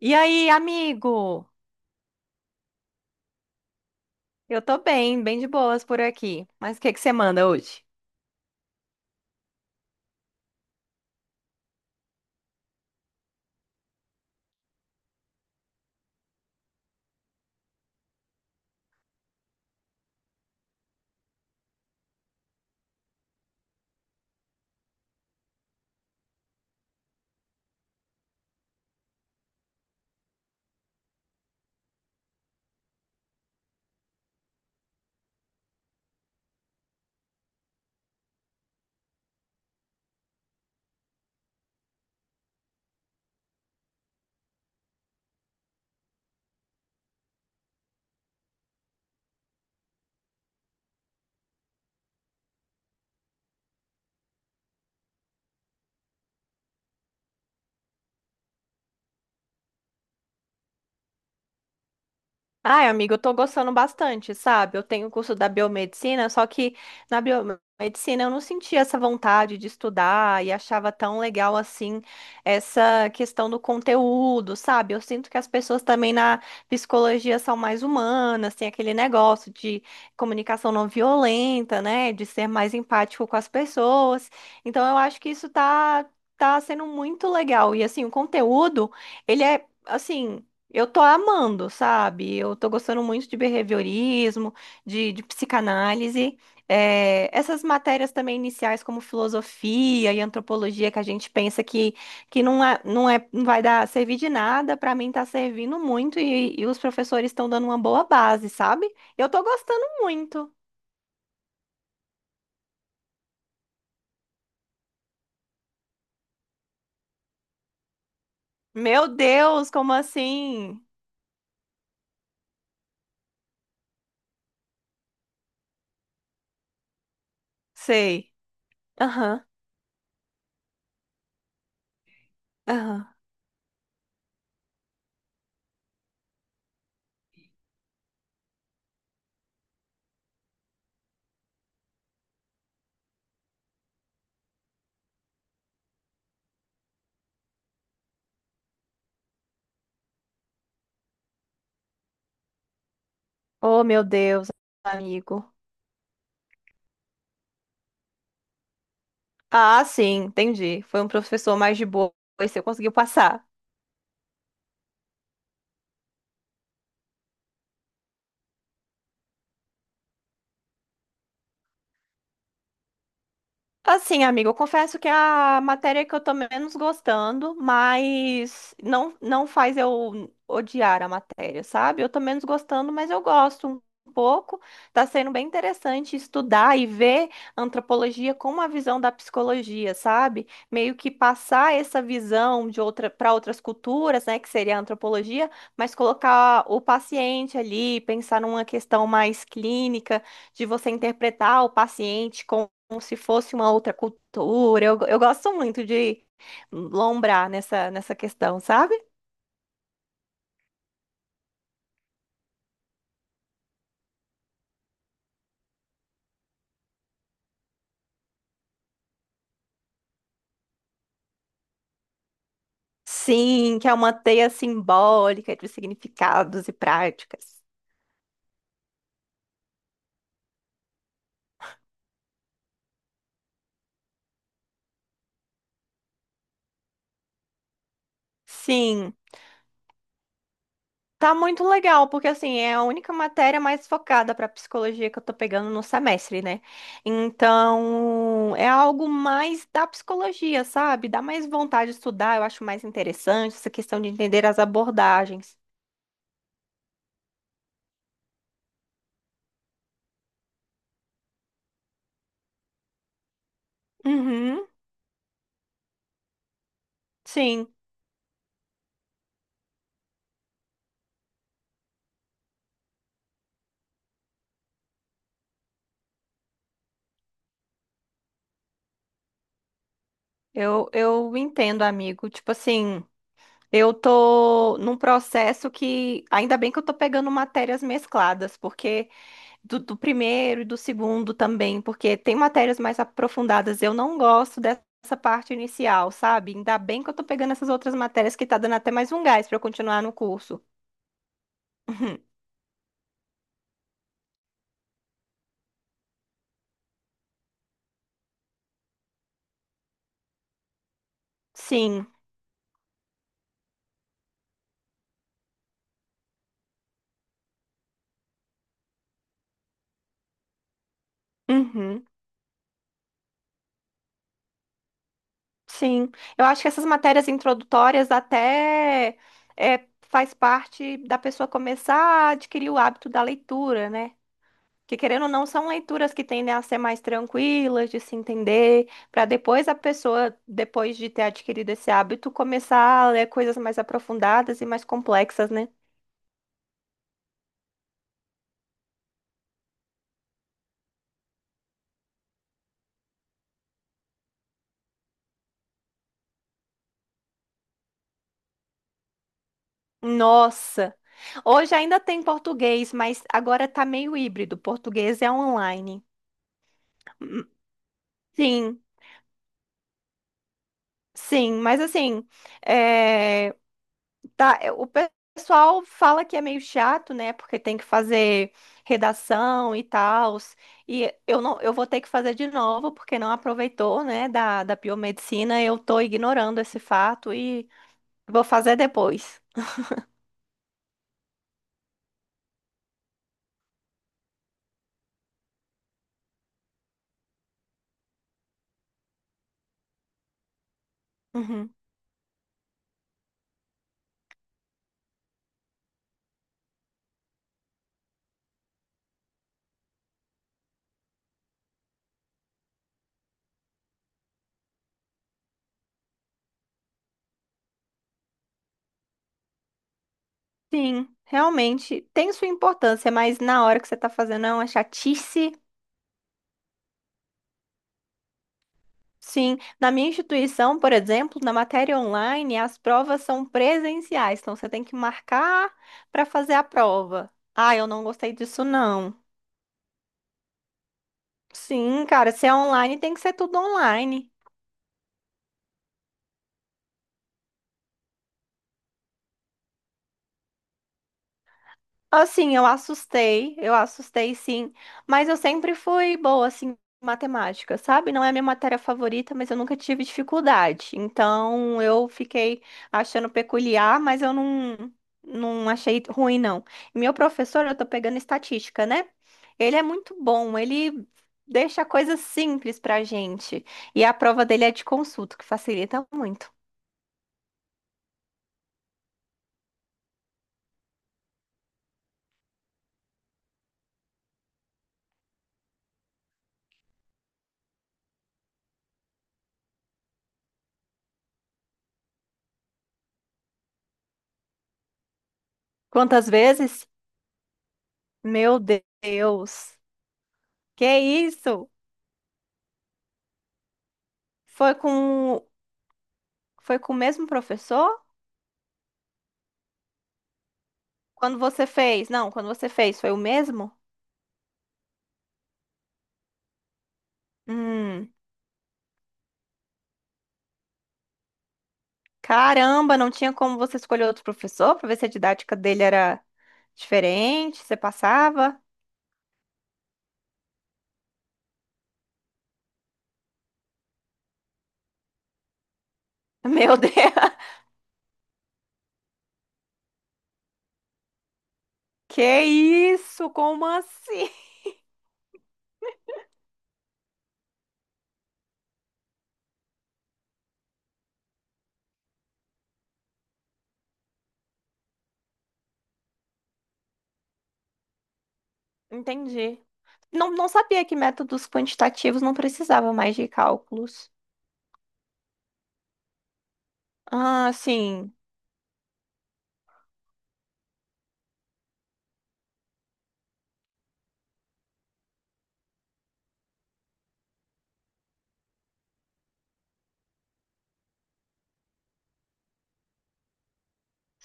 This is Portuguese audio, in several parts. E aí, amigo? Eu tô bem, bem de boas por aqui. Mas o que que você manda hoje? Ai, amiga, eu tô gostando bastante, sabe? Eu tenho o curso da biomedicina, só que na biomedicina eu não sentia essa vontade de estudar e achava tão legal assim essa questão do conteúdo, sabe? Eu sinto que as pessoas também na psicologia são mais humanas, tem aquele negócio de comunicação não violenta, né? De ser mais empático com as pessoas. Então eu acho que isso tá, tá sendo muito legal. E assim, o conteúdo, ele é. Assim, eu tô amando, sabe? Eu tô gostando muito de behaviorismo, de psicanálise. É, essas matérias também iniciais, como filosofia e antropologia, que a gente pensa que, que não é, não vai dar servir de nada, pra mim tá servindo muito e os professores estão dando uma boa base, sabe? Eu tô gostando muito. Meu Deus, como assim? Sei. Aham, aham. Oh, meu Deus, amigo. Ah, sim, entendi. Foi um professor mais de boa e você conseguiu passar. Assim, amigo, eu confesso que é a matéria que eu tô menos gostando, mas não faz eu odiar a matéria, sabe? Eu tô menos gostando, mas eu gosto um pouco. Tá sendo bem interessante estudar e ver antropologia com uma visão da psicologia, sabe? Meio que passar essa visão de outra para outras culturas, né, que seria a antropologia, mas colocar o paciente ali, pensar numa questão mais clínica de você interpretar o paciente com como se fosse uma outra cultura. Eu gosto muito de lombrar nessa questão, sabe? Sim, que é uma teia simbólica de significados e práticas. Sim, tá muito legal, porque assim, é a única matéria mais focada para psicologia que eu tô pegando no semestre, né? Então, é algo mais da psicologia, sabe? Dá mais vontade de estudar, eu acho mais interessante essa questão de entender as abordagens. Uhum, sim. Eu entendo, amigo. Tipo assim, eu tô num processo que ainda bem que eu tô pegando matérias mescladas, porque do primeiro e do segundo também, porque tem matérias mais aprofundadas. Eu não gosto dessa parte inicial, sabe? Ainda bem que eu tô pegando essas outras matérias que tá dando até mais um gás pra eu continuar no curso. Uhum. Sim. Uhum. Sim, eu acho que essas matérias introdutórias até é, faz parte da pessoa começar a adquirir o hábito da leitura, né? Que querendo ou não, são leituras que tendem a ser mais tranquilas, de se entender, para depois a pessoa, depois de ter adquirido esse hábito, começar a ler coisas mais aprofundadas e mais complexas, né? Nossa! Hoje ainda tem português, mas agora tá meio híbrido. Português é online. Sim, sim, mas assim. eh, Tá, é, o pessoal fala que é meio chato, né? Porque tem que fazer redação e tal. E eu não, eu vou ter que fazer de novo, porque não aproveitou, né, da biomedicina. Eu tô ignorando esse fato e vou fazer depois. Uhum. Sim, realmente tem sua importância, mas na hora que você tá fazendo é uma chatice. Sim, na minha instituição, por exemplo, na matéria online, as provas são presenciais, então você tem que marcar para fazer a prova. Ah, eu não gostei disso, não. Sim, cara, se é online, tem que ser tudo online. Assim, eu assustei sim, mas eu sempre fui boa, assim, em matemática, sabe? Não é a minha matéria favorita, mas eu nunca tive dificuldade. Então, eu fiquei achando peculiar, mas eu não, não achei ruim, não. E meu professor, eu tô pegando estatística, né? Ele é muito bom, ele deixa coisas simples pra gente. E a prova dele é de consulta, que facilita muito. Quantas vezes? Meu Deus! Que isso? Foi com. Foi com o mesmo professor? Quando você fez? Não, quando você fez, foi o mesmo? Hum, caramba, não tinha como você escolher outro professor para ver se a didática dele era diferente, você passava? Meu Deus, que isso? Como assim? Entendi. Não, não sabia que métodos quantitativos não precisava mais de cálculos. Ah, sim,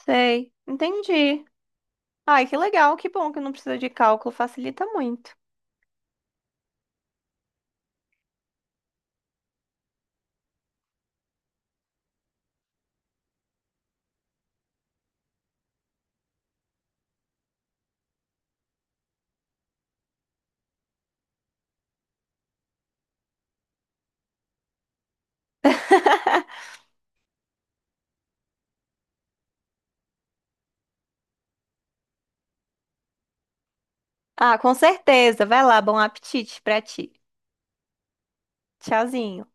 sei, entendi. Ai, que legal, que bom que não precisa de cálculo, facilita muito. Ah, com certeza. Vai lá, bom apetite pra ti. Tchauzinho.